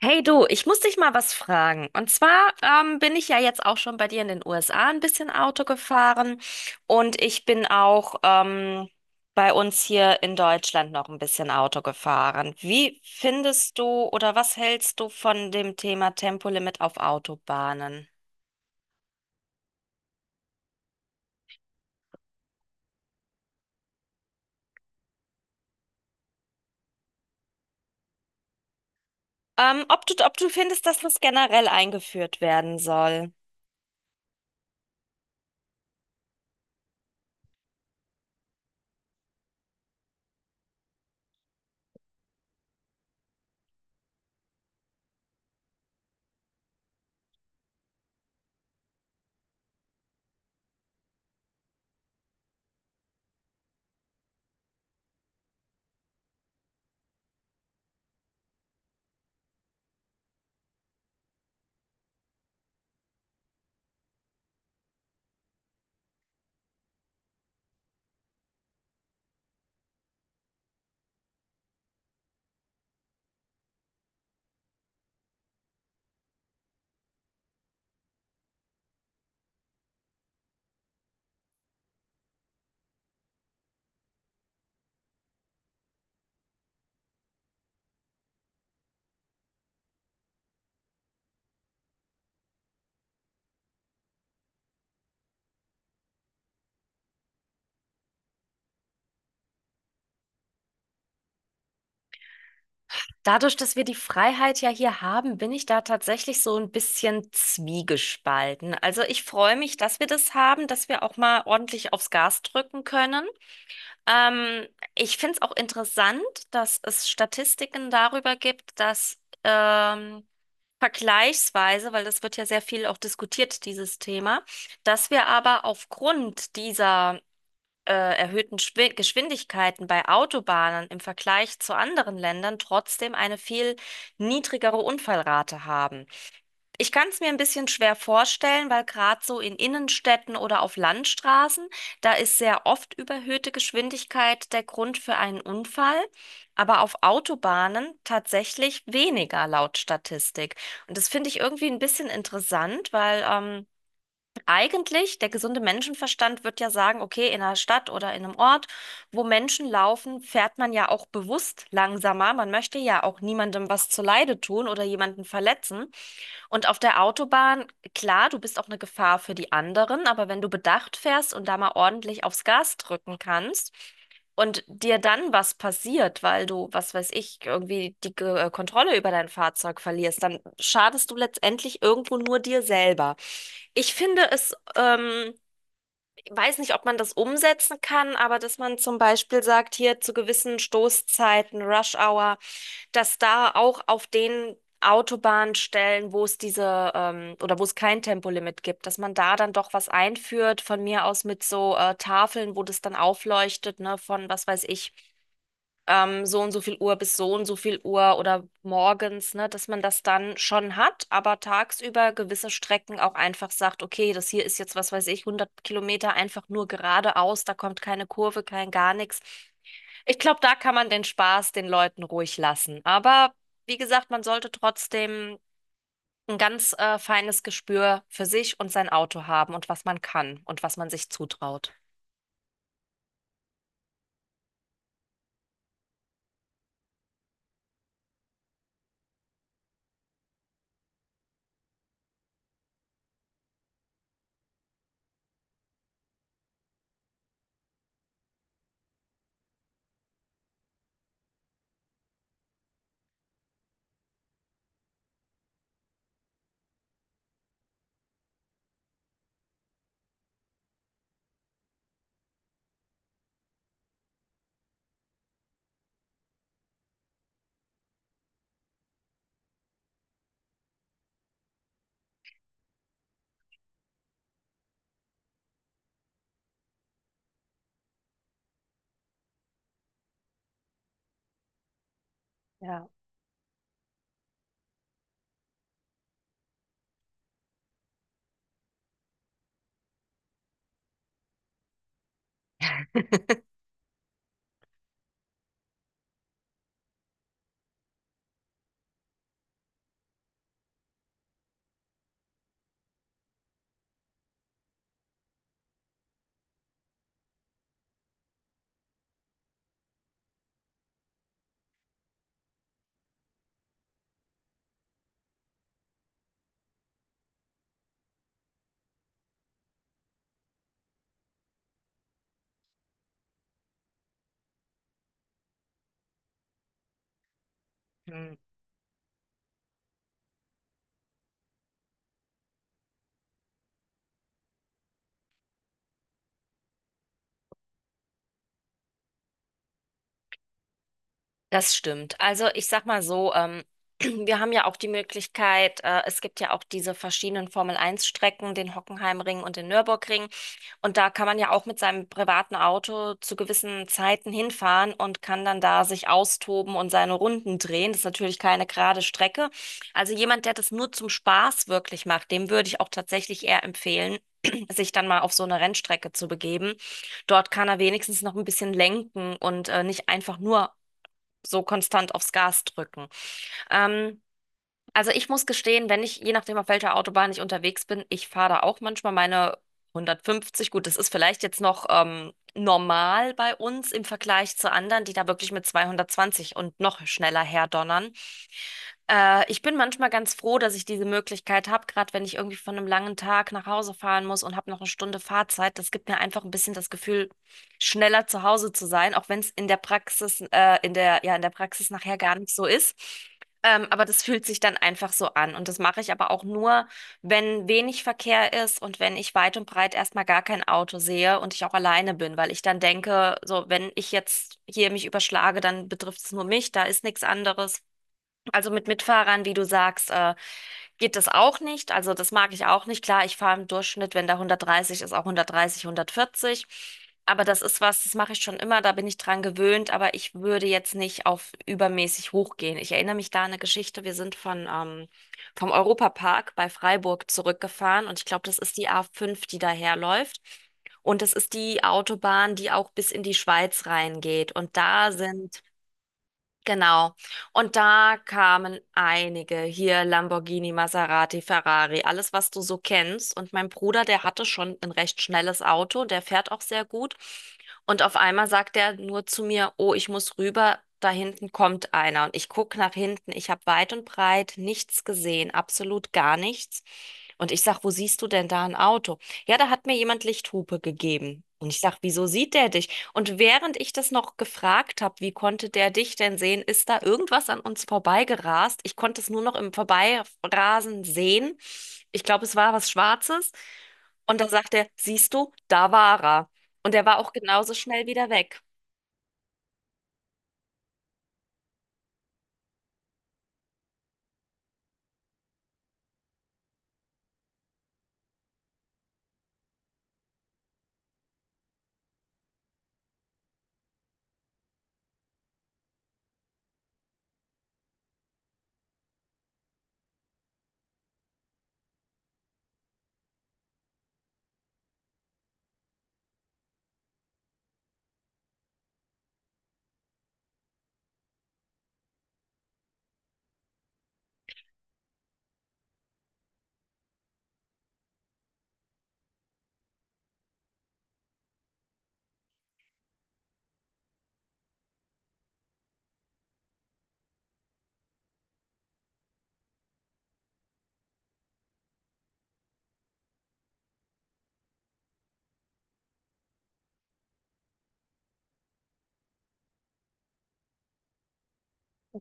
Hey du, ich muss dich mal was fragen. Und zwar bin ich ja jetzt auch schon bei dir in den USA ein bisschen Auto gefahren und ich bin auch bei uns hier in Deutschland noch ein bisschen Auto gefahren. Wie findest du oder was hältst du von dem Thema Tempolimit auf Autobahnen? Ob du findest, dass das generell eingeführt werden soll? Dadurch, dass wir die Freiheit ja hier haben, bin ich da tatsächlich so ein bisschen zwiegespalten. Also ich freue mich, dass wir das haben, dass wir auch mal ordentlich aufs Gas drücken können. Ähm, Ich finde es auch interessant, dass es Statistiken darüber gibt, dass ähm, vergleichsweise, weil das wird ja sehr viel auch diskutiert, dieses Thema, dass wir aber aufgrund dieser erhöhten Geschwindigkeiten bei Autobahnen im Vergleich zu anderen Ländern trotzdem eine viel niedrigere Unfallrate haben. Ich kann es mir ein bisschen schwer vorstellen, weil gerade so in Innenstädten oder auf Landstraßen da ist sehr oft überhöhte Geschwindigkeit der Grund für einen Unfall. Aber auf Autobahnen tatsächlich weniger laut Statistik. Und das finde ich irgendwie ein bisschen interessant, weil eigentlich, der gesunde Menschenverstand wird ja sagen, okay, in einer Stadt oder in einem Ort, wo Menschen laufen, fährt man ja auch bewusst langsamer. Man möchte ja auch niemandem was zuleide tun oder jemanden verletzen. Und auf der Autobahn, klar, du bist auch eine Gefahr für die anderen, aber wenn du bedacht fährst und da mal ordentlich aufs Gas drücken kannst, und dir dann was passiert, weil du, was weiß ich, irgendwie die Kontrolle über dein Fahrzeug verlierst, dann schadest du letztendlich irgendwo nur dir selber. Ich finde es, weiß nicht, ob man das umsetzen kann, aber dass man zum Beispiel sagt, hier zu gewissen Stoßzeiten, Rush Hour, dass da auch auf den Autobahnstellen, wo es diese oder wo es kein Tempolimit gibt, dass man da dann doch was einführt, von mir aus mit so Tafeln, wo das dann aufleuchtet, ne, von was weiß ich, so und so viel Uhr bis so und so viel Uhr oder morgens, ne, dass man das dann schon hat, aber tagsüber gewisse Strecken auch einfach sagt, okay, das hier ist jetzt, was weiß ich, 100 Kilometer einfach nur geradeaus, da kommt keine Kurve, kein gar nichts. Ich glaube, da kann man den Spaß den Leuten ruhig lassen. Aber wie gesagt, man sollte trotzdem ein ganz feines Gespür für sich und sein Auto haben und was man kann und was man sich zutraut. Ja. Hm. Das stimmt. Also ich sag mal so, wir haben ja auch die Möglichkeit, es gibt ja auch diese verschiedenen Formel Eins Strecken, den Hockenheimring und den Nürburgring. Und da kann man ja auch mit seinem privaten Auto zu gewissen Zeiten hinfahren und kann dann da sich austoben und seine Runden drehen. Das ist natürlich keine gerade Strecke. Also jemand, der das nur zum Spaß wirklich macht, dem würde ich auch tatsächlich eher empfehlen, sich dann mal auf so eine Rennstrecke zu begeben. Dort kann er wenigstens noch ein bisschen lenken und nicht einfach nur so konstant aufs Gas drücken. Ähm, also ich muss gestehen, wenn ich, je nachdem auf welcher Autobahn ich unterwegs bin, ich fahre da auch manchmal meine 150. Gut, das ist vielleicht jetzt noch normal bei uns im Vergleich zu anderen, die da wirklich mit 220 und noch schneller herdonnern. Ich bin manchmal ganz froh, dass ich diese Möglichkeit habe, gerade wenn ich irgendwie von einem langen Tag nach Hause fahren muss und habe noch eine Stunde Fahrzeit. Das gibt mir einfach ein bisschen das Gefühl, schneller zu Hause zu sein, auch wenn es in der Praxis, ja, in der Praxis nachher gar nicht so ist. Aber das fühlt sich dann einfach so an. Und das mache ich aber auch nur, wenn wenig Verkehr ist und wenn ich weit und breit erstmal gar kein Auto sehe und ich auch alleine bin, weil ich dann denke, so, wenn ich jetzt hier mich überschlage, dann betrifft es nur mich, da ist nichts anderes. Also mit Mitfahrern, wie du sagst, geht das auch nicht. Also das mag ich auch nicht. Klar, ich fahre im Durchschnitt, wenn da 130 ist, auch 130, 140. Aber das ist was, das mache ich schon immer, da bin ich dran gewöhnt, aber ich würde jetzt nicht auf übermäßig hochgehen. Ich erinnere mich da an eine Geschichte. Wir sind vom Europapark bei Freiburg zurückgefahren und ich glaube, das ist die A5, die daherläuft. Und das ist die Autobahn, die auch bis in die Schweiz reingeht. Und da sind. Genau. Und da kamen einige hier, Lamborghini, Maserati, Ferrari, alles, was du so kennst. Und mein Bruder, der hatte schon ein recht schnelles Auto, der fährt auch sehr gut. Und auf einmal sagt er nur zu mir, oh, ich muss rüber, da hinten kommt einer. Und ich gucke nach hinten, ich habe weit und breit nichts gesehen, absolut gar nichts. Und ich sag, wo siehst du denn da ein Auto? Ja, da hat mir jemand Lichthupe gegeben. Und ich sag, wieso sieht der dich? Und während ich das noch gefragt habe, wie konnte der dich denn sehen, ist da irgendwas an uns vorbeigerast. Ich konnte es nur noch im Vorbeirasen sehen. Ich glaube, es war was Schwarzes. Und da sagt er, siehst du, da war er. Und er war auch genauso schnell wieder weg.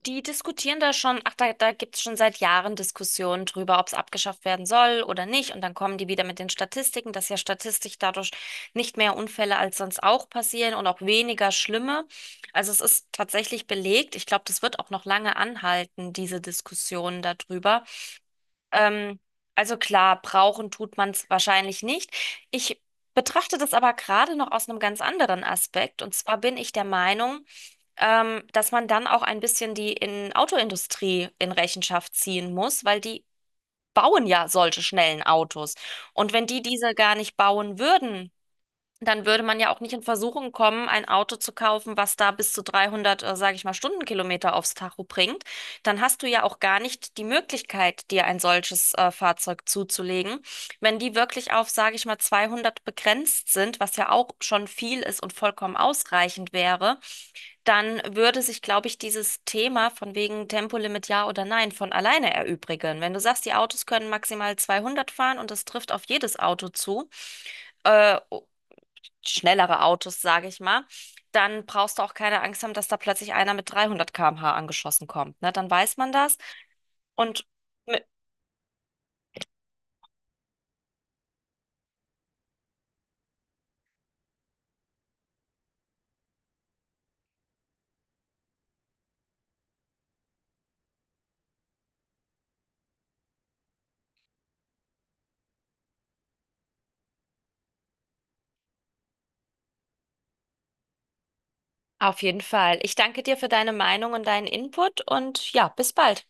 Die diskutieren da schon, ach, da gibt es schon seit Jahren Diskussionen drüber, ob es abgeschafft werden soll oder nicht. Und dann kommen die wieder mit den Statistiken, dass ja statistisch dadurch nicht mehr Unfälle als sonst auch passieren und auch weniger schlimme. Also es ist tatsächlich belegt. Ich glaube, das wird auch noch lange anhalten, diese Diskussion darüber. Ähm, also klar, brauchen tut man es wahrscheinlich nicht. Ich betrachte das aber gerade noch aus einem ganz anderen Aspekt. Und zwar bin ich der Meinung, dass man dann auch ein bisschen die in Autoindustrie in Rechenschaft ziehen muss, weil die bauen ja solche schnellen Autos. Und wenn die diese gar nicht bauen würden, dann würde man ja auch nicht in Versuchung kommen, ein Auto zu kaufen, was da bis zu 300, sage ich mal, Stundenkilometer aufs Tacho bringt. Dann hast du ja auch gar nicht die Möglichkeit, dir ein solches, Fahrzeug zuzulegen. Wenn die wirklich auf, sage ich mal, 200 begrenzt sind, was ja auch schon viel ist und vollkommen ausreichend wäre, dann würde sich, glaube ich, dieses Thema von wegen Tempolimit ja oder nein von alleine erübrigen. Wenn du sagst, die Autos können maximal 200 fahren und das trifft auf jedes Auto zu, äh, schnellere Autos, sage ich mal, dann brauchst du auch keine Angst haben, dass da plötzlich einer mit 300 km/h angeschossen kommt. Ne? Dann weiß man das. Und mi- auf jeden Fall. Ich danke dir für deine Meinung und deinen Input und ja, bis bald.